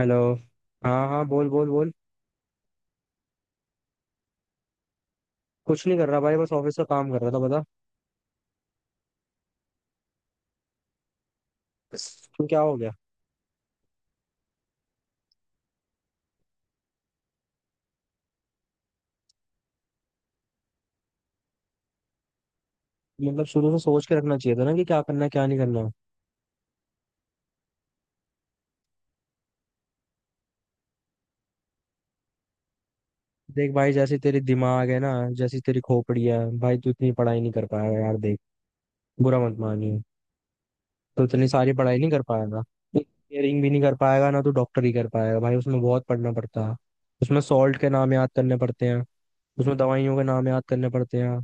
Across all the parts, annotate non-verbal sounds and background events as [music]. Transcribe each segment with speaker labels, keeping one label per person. Speaker 1: Hello. हाँ हाँ, बोल बोल बोल। कुछ नहीं कर रहा भाई, बस ऑफिस का काम कर रहा था। बता तो क्या हो गया। मतलब शुरू से सोच के रखना चाहिए था ना कि क्या करना है क्या नहीं करना। देख भाई, जैसी तेरी दिमाग है ना, जैसी तेरी खोपड़ी है भाई, तू इतनी पढ़ाई नहीं कर पाएगा यार। देख, बुरा मत मानिए, तो इतनी सारी पढ़ाई नहीं कर पाएगा। इंजीनियरिंग भी नहीं कर पाएगा ना तू, डॉक्टर ही कर पाएगा भाई। उसमें बहुत पढ़ना पड़ता है, उसमें सॉल्ट के नाम याद करने पड़ते हैं, उसमें दवाइयों के नाम याद करने पड़ते हैं।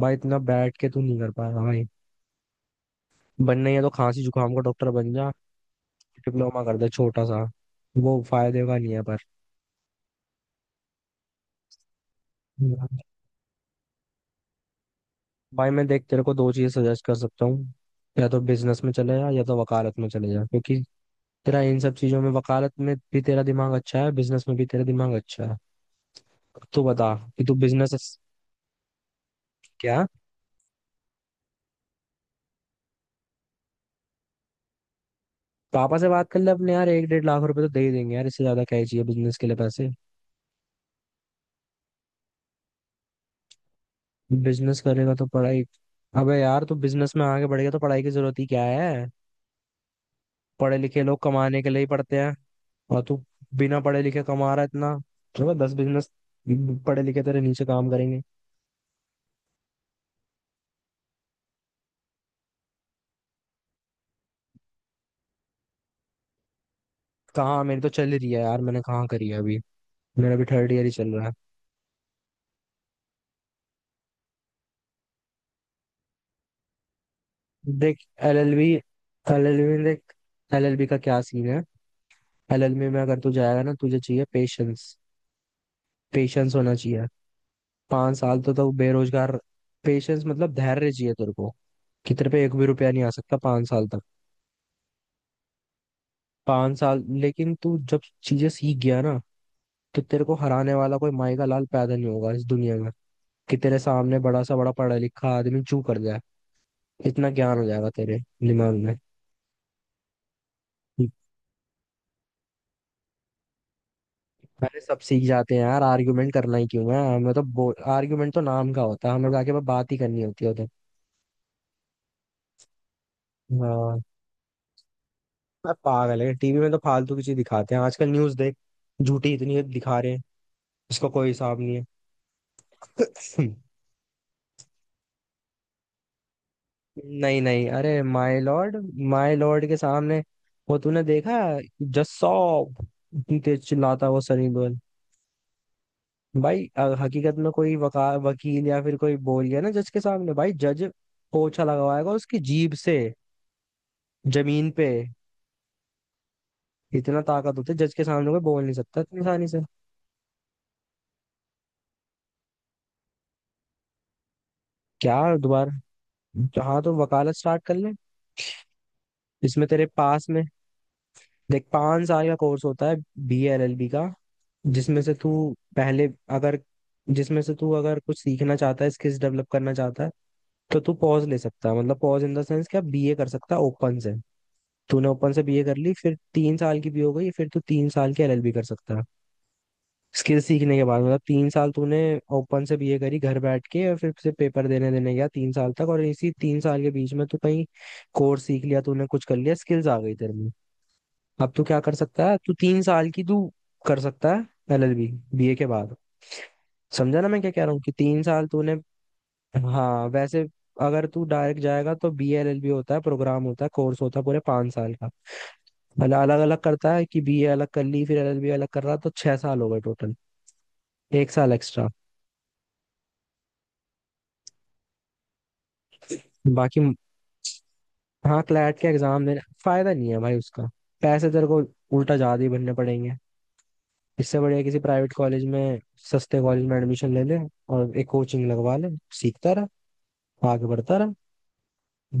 Speaker 1: भाई इतना बैठ के तू नहीं कर पाएगा भाई। बनना ही है तो खांसी जुकाम का डॉक्टर बन जा, डिप्लोमा कर दे छोटा सा। वो फायदे का नहीं है पर। भाई मैं देख, तेरे को दो चीज सजेस्ट कर सकता हूँ। या तो बिजनेस में चले जा, या तो वकालत में चले जा, क्योंकि तेरा इन सब चीजों में, वकालत में भी तेरा दिमाग अच्छा है, बिजनेस में भी तेरा दिमाग अच्छा है। तू बता कि तू बिजनेस। क्या, पापा से बात कर ले अपने यार, 1.5 लाख रुपए तो दे ही देंगे यार, इससे ज्यादा क्या ही चाहिए बिजनेस के लिए पैसे। बिजनेस करेगा तो पढ़ाई। अबे यार, तू बिजनेस में आगे बढ़ेगा तो पढ़ाई की जरूरत ही क्या है। पढ़े लिखे लोग कमाने के लिए ही पढ़ते हैं। और तू बिना पढ़े लिखे कमा रहा है इतना। चलो दस बिजनेस, पढ़े लिखे तेरे नीचे काम करेंगे। कहाँ, मेरी तो चल रही है यार, मैंने कहाँ करी है अभी। मेरा भी थर्ड ईयर ही चल रहा है। देख, एलएलबी, एलएलबी में देख, एलएलबी का क्या सीन है। एलएलबी में अगर तू जाएगा ना, तुझे चाहिए पेशेंस। पेशेंस होना चाहिए। पांच साल तो तू बेरोजगार। पेशेंस मतलब धैर्य चाहिए तेरे को, कि तेरे पे एक भी रुपया नहीं आ सकता 5 साल तक। 5 साल, लेकिन तू जब चीजें सीख गया ना, तो तेरे को हराने वाला कोई माई का लाल पैदा नहीं होगा इस दुनिया में। कि तेरे सामने बड़ा सा बड़ा पढ़ा लिखा आदमी चू कर जाए, इतना ज्ञान हो जाएगा तेरे दिमाग में। अरे सब सीख जाते हैं यार, आर्ग्यूमेंट करना ही क्यों है हमें, तो आर्ग्यूमेंट तो नाम का होता है, हमें जाके बस बात ही करनी होती है उधर। हाँ, मैं पागल है, टीवी में तो फालतू की चीज दिखाते हैं आजकल, न्यूज देख, झूठी इतनी दिखा रहे हैं उसका कोई हिसाब नहीं है। [laughs] नहीं नहीं, अरे माय लॉर्ड, माय लॉर्ड के सामने, वो तूने देखा जस्सॉप, इतनी तेज चिल्लाता है वो सनी देओल। भाई हकीकत में कोई वका वकील या फिर कोई बोल गया ना जज के सामने, भाई जज पोछा लगवाएगा उसकी जीभ से, जमीन पे। इतना ताकत होती है, जज के सामने कोई बोल नहीं सकता इतनी आसानी से। क्या, दोबारा? हाँ, तो वकालत स्टार्ट कर ले। इसमें तेरे पास में, देख पांच साल का कोर्स होता है, बी एल एल बी का, जिसमें से तू। पहले अगर, जिसमें से तू अगर कुछ सीखना चाहता है, स्किल्स डेवलप करना चाहता है, तो तू पॉज ले सकता है। मतलब पॉज इन द सेंस क्या, बी ए कर सकता है ओपन से। तूने ओपन से बीए कर ली, फिर 3 साल की भी हो गई, फिर तू 3 साल की एलएलबी कर सकता है। स्किल सीखने के बाद, मतलब 3 साल तूने ओपन से बीए करी घर बैठ के, और फिर से पेपर देने देने गया 3 साल तक, और इसी 3 साल के बीच में तू कहीं कोर्स सीख लिया, तूने कुछ कर लिया, स्किल्स आ गई तेरे में। अब तू क्या कर सकता है, तू तीन साल की तू कर सकता है एलएलबी, बीए के बाद। समझा ना मैं क्या कह रहा हूँ, कि 3 साल तूने। हाँ वैसे, अगर तू डायरेक्ट जाएगा तो बी एल एल बी होता है, प्रोग्राम होता है, कोर्स होता है पूरे 5 साल का। मतलब अलग अलग करता है कि बी ए अलग कर ली, फिर एल एल बी अलग कर रहा, तो 6 साल हो गए टोटल, 1 साल एक्स्ट्रा। बाकी, हाँ, क्लैट के एग्जाम देने फायदा नहीं है भाई उसका, पैसे तेरे को उल्टा ज्यादा ही भरने पड़ेंगे। इससे बढ़िया किसी प्राइवेट कॉलेज में, सस्ते कॉलेज में एडमिशन ले ले, और एक कोचिंग लगवा ले, सीखता रहा, आगे बढ़ता रहा।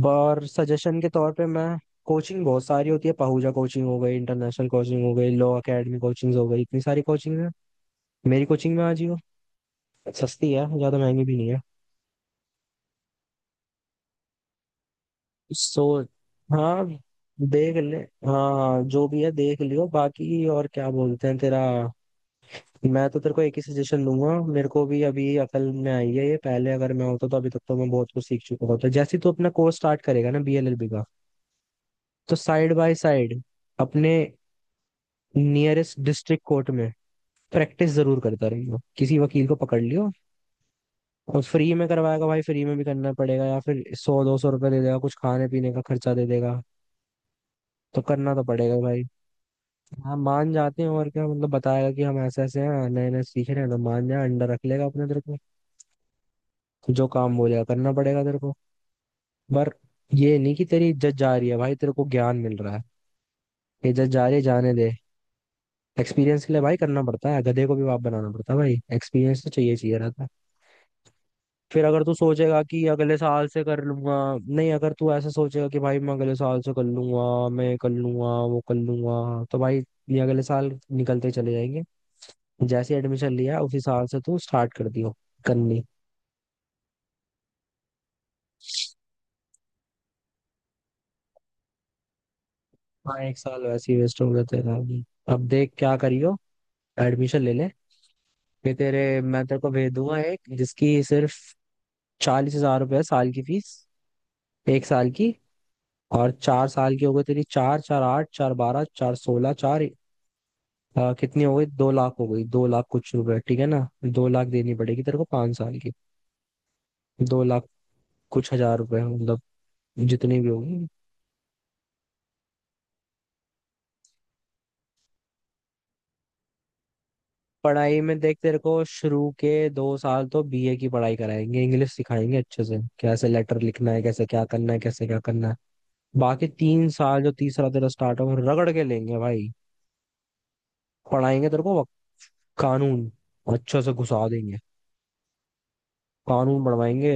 Speaker 1: और सजेशन के तौर पे मैं, कोचिंग बहुत सारी होती है, पहूजा कोचिंग हो गई, इंटरनेशनल कोचिंग हो गई, लॉ एकेडमी कोचिंग हो गई, इतनी सारी कोचिंग है। मेरी कोचिंग में आ जियो, सस्ती है, ज्यादा महंगी भी नहीं है। सो, हाँ देख ले। हाँ हाँ, जो भी है देख लियो, बाकी और क्या बोलते हैं तेरा। मैं तो तेरे को एक ही सजेशन दूंगा, मेरे को भी अभी अकल में आई है ये, पहले अगर मैं होता तो अभी तक तो मैं बहुत कुछ सीख चुका होता। जैसे तू अपना कोर्स स्टार्ट करेगा ना बीएलएलबी का, तो साइड बाय साइड अपने नियरेस्ट डिस्ट्रिक्ट कोर्ट में प्रैक्टिस जरूर करता रहियो, किसी वकील को पकड़ लियो। और फ्री में करवाएगा भाई, फ्री में भी करना पड़ेगा, या फिर 100-200 रुपये दे देगा, कुछ खाने पीने का खर्चा दे देगा, तो करना तो पड़ेगा भाई। हाँ, मान जाते हैं और क्या, मतलब बताएगा कि हम ऐसे ऐसे हैं, नए नए सीख रहे हैं, तो मान जा, अंडर रख लेगा अपने तेरे को, जो काम बोलेगा करना पड़ेगा तेरे को। पर ये नहीं कि तेरी इज्जत जा रही है भाई, तेरे को ज्ञान मिल रहा है, इज्जत जा रही है जाने दे। एक्सपीरियंस के लिए भाई करना पड़ता है, गधे को भी बाप बनाना पड़ता है भाई, एक्सपीरियंस तो चाहिए, चाहिए रहता है। फिर अगर तू सोचेगा कि अगले साल से कर लूंगा, नहीं, अगर तू ऐसा सोचेगा कि भाई मैं अगले साल से कर लूंगा, मैं कर लूंगा, वो कर लूंगा, तो भाई ये अगले साल निकलते चले जाएंगे। जैसे एडमिशन लिया उसी साल से तू स्टार्ट कर दियो करनी। हाँ, एक साल वैसे ही वेस्ट हो गया तेरा भी। अब देख क्या करियो, एडमिशन ले ले, फिर तेरे, मैं तेरे को भेज दूंगा एक, जिसकी सिर्फ 40 हज़ार रुपये है साल की फीस, 1 साल की। और 4 साल की हो गई तेरी, चार चार आठ, चार बारह, चार सोलह, चार। हाँ कितनी हो गई, 2 लाख हो गई, दो लाख कुछ रुपए, ठीक है ना। दो लाख देनी पड़ेगी तेरे को 5 साल की, दो लाख कुछ हजार रुपए मतलब, जितनी भी होगी। पढ़ाई में देख, तेरे को शुरू के 2 साल तो बीए की पढ़ाई कराएंगे, इंग्लिश सिखाएंगे अच्छे से, कैसे लेटर लिखना है, कैसे क्या करना है, कैसे क्या करना है। बाकी 3 साल जो तीसरा तेरा स्टार्ट हो, रगड़ के लेंगे भाई, पढ़ाएंगे तेरे को कानून, अच्छे से घुसा देंगे कानून, बनवाएंगे,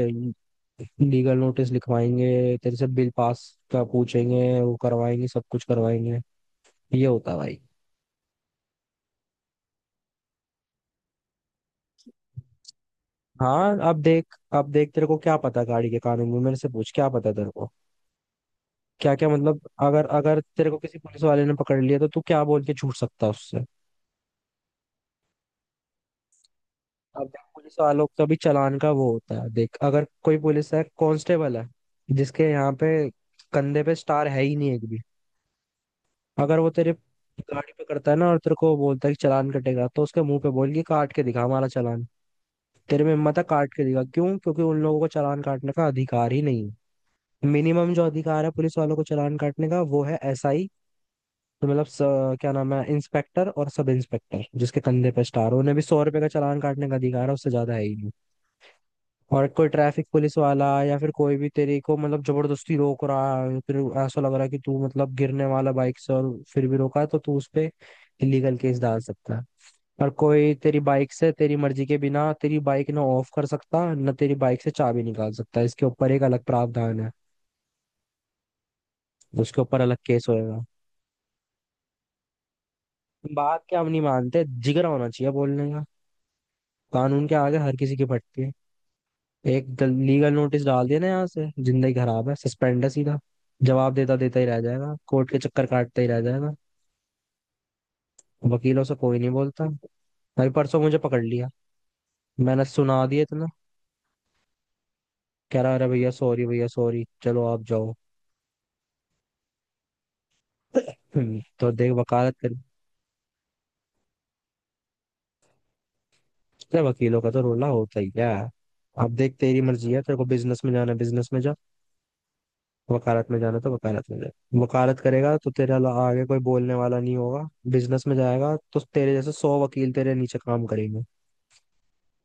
Speaker 1: लीगल नोटिस लिखवाएंगे तेरे से, बिल पास का पूछेंगे, वो करवाएंगे, सब कुछ करवाएंगे, ये होता है भाई। हाँ, अब देख, अब देख तेरे को क्या पता गाड़ी के कानून में, मेरे से पूछ, क्या पता तेरे को क्या क्या। मतलब अगर, अगर तेरे को किसी पुलिस वाले ने पकड़ लिया, तो तू क्या बोल के छूट सकता है उससे। अब देख, पुलिस वालों का भी चालान का वो होता है। देख, अगर कोई पुलिस है, कांस्टेबल है, जिसके यहाँ पे, कंधे पे स्टार है ही नहीं एक भी, अगर वो तेरे गाड़ी पे करता है ना, और तेरे को बोलता है कि चालान कटेगा, तो उसके मुंह पे बोल के, काट के दिखा हमारा चालान, तेरे में हिम्मत है, काट के दिखा। क्यों? क्योंकि उन लोगों को चालान काटने का अधिकार ही नहीं है। मिनिमम जो अधिकार है पुलिस वालों को चालान काटने का, वो है एसआई। तो मतलब क्या नाम है, इंस्पेक्टर और सब इंस्पेक्टर, जिसके कंधे पे स्टार, उन्हें भी 100 रुपए का चालान काटने का अधिकार है, उससे ज्यादा है ही। और कोई ट्रैफिक पुलिस वाला या फिर कोई भी तेरे को मतलब जबरदस्ती रोक रहा है, फिर ऐसा लग रहा है कि तू मतलब गिरने वाला बाइक से, और फिर भी रोका है, तो तू उस पे इलीगल केस डाल सकता है। और कोई तेरी बाइक से तेरी मर्जी के बिना तेरी बाइक ना ऑफ कर सकता, ना तेरी बाइक से चाबी निकाल सकता है। इसके ऊपर एक अलग प्रावधान है, उसके ऊपर अलग केस होएगा। बात क्या, हम नहीं मानते, जिगरा होना चाहिए बोलने का, कानून के आगे हर किसी की फटती है। एक लीगल नोटिस डाल दिया ना, यहाँ से जिंदगी खराब है, सस्पेंड है सीधा, जवाब देता देता ही रह जाएगा, कोर्ट के चक्कर काटता ही रह जाएगा। वकीलों से कोई नहीं बोलता। भाई परसों मुझे पकड़ लिया, मैंने सुना दिया इतना, कह रहा अरे भैया सॉरी, भैया सॉरी, चलो आप जाओ। [clears throat] तो देख, वकालत कर। अरे वकीलों का तो रोला होता ही क्या है। अब देख, तेरी मर्जी है, तेरे को बिजनेस में जाना है बिजनेस में जा, वकालत में जाना है तो वकालत में जा। वकालत करेगा तो तेरे आगे कोई बोलने वाला नहीं होगा। बिजनेस में जाएगा तो तेरे जैसे 100 वकील तेरे नीचे काम करेंगे।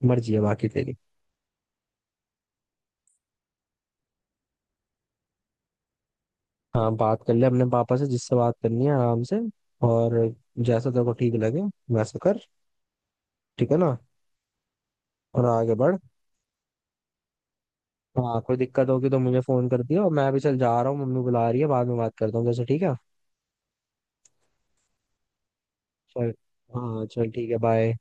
Speaker 1: मर्जी है बाकी तेरी। हाँ, बात कर ले अपने पापा से, जिससे बात करनी है आराम से, और जैसा तेरे को ठीक लगे वैसा कर, ठीक है ना। और आगे बढ़। हाँ, कोई दिक्कत होगी तो मुझे फोन कर दियो, और मैं अभी चल जा रहा हूँ, मम्मी बुला रही है, बाद में बात करता हूँ जैसे, ठीक है। चल। हाँ चल, ठीक है, बाय।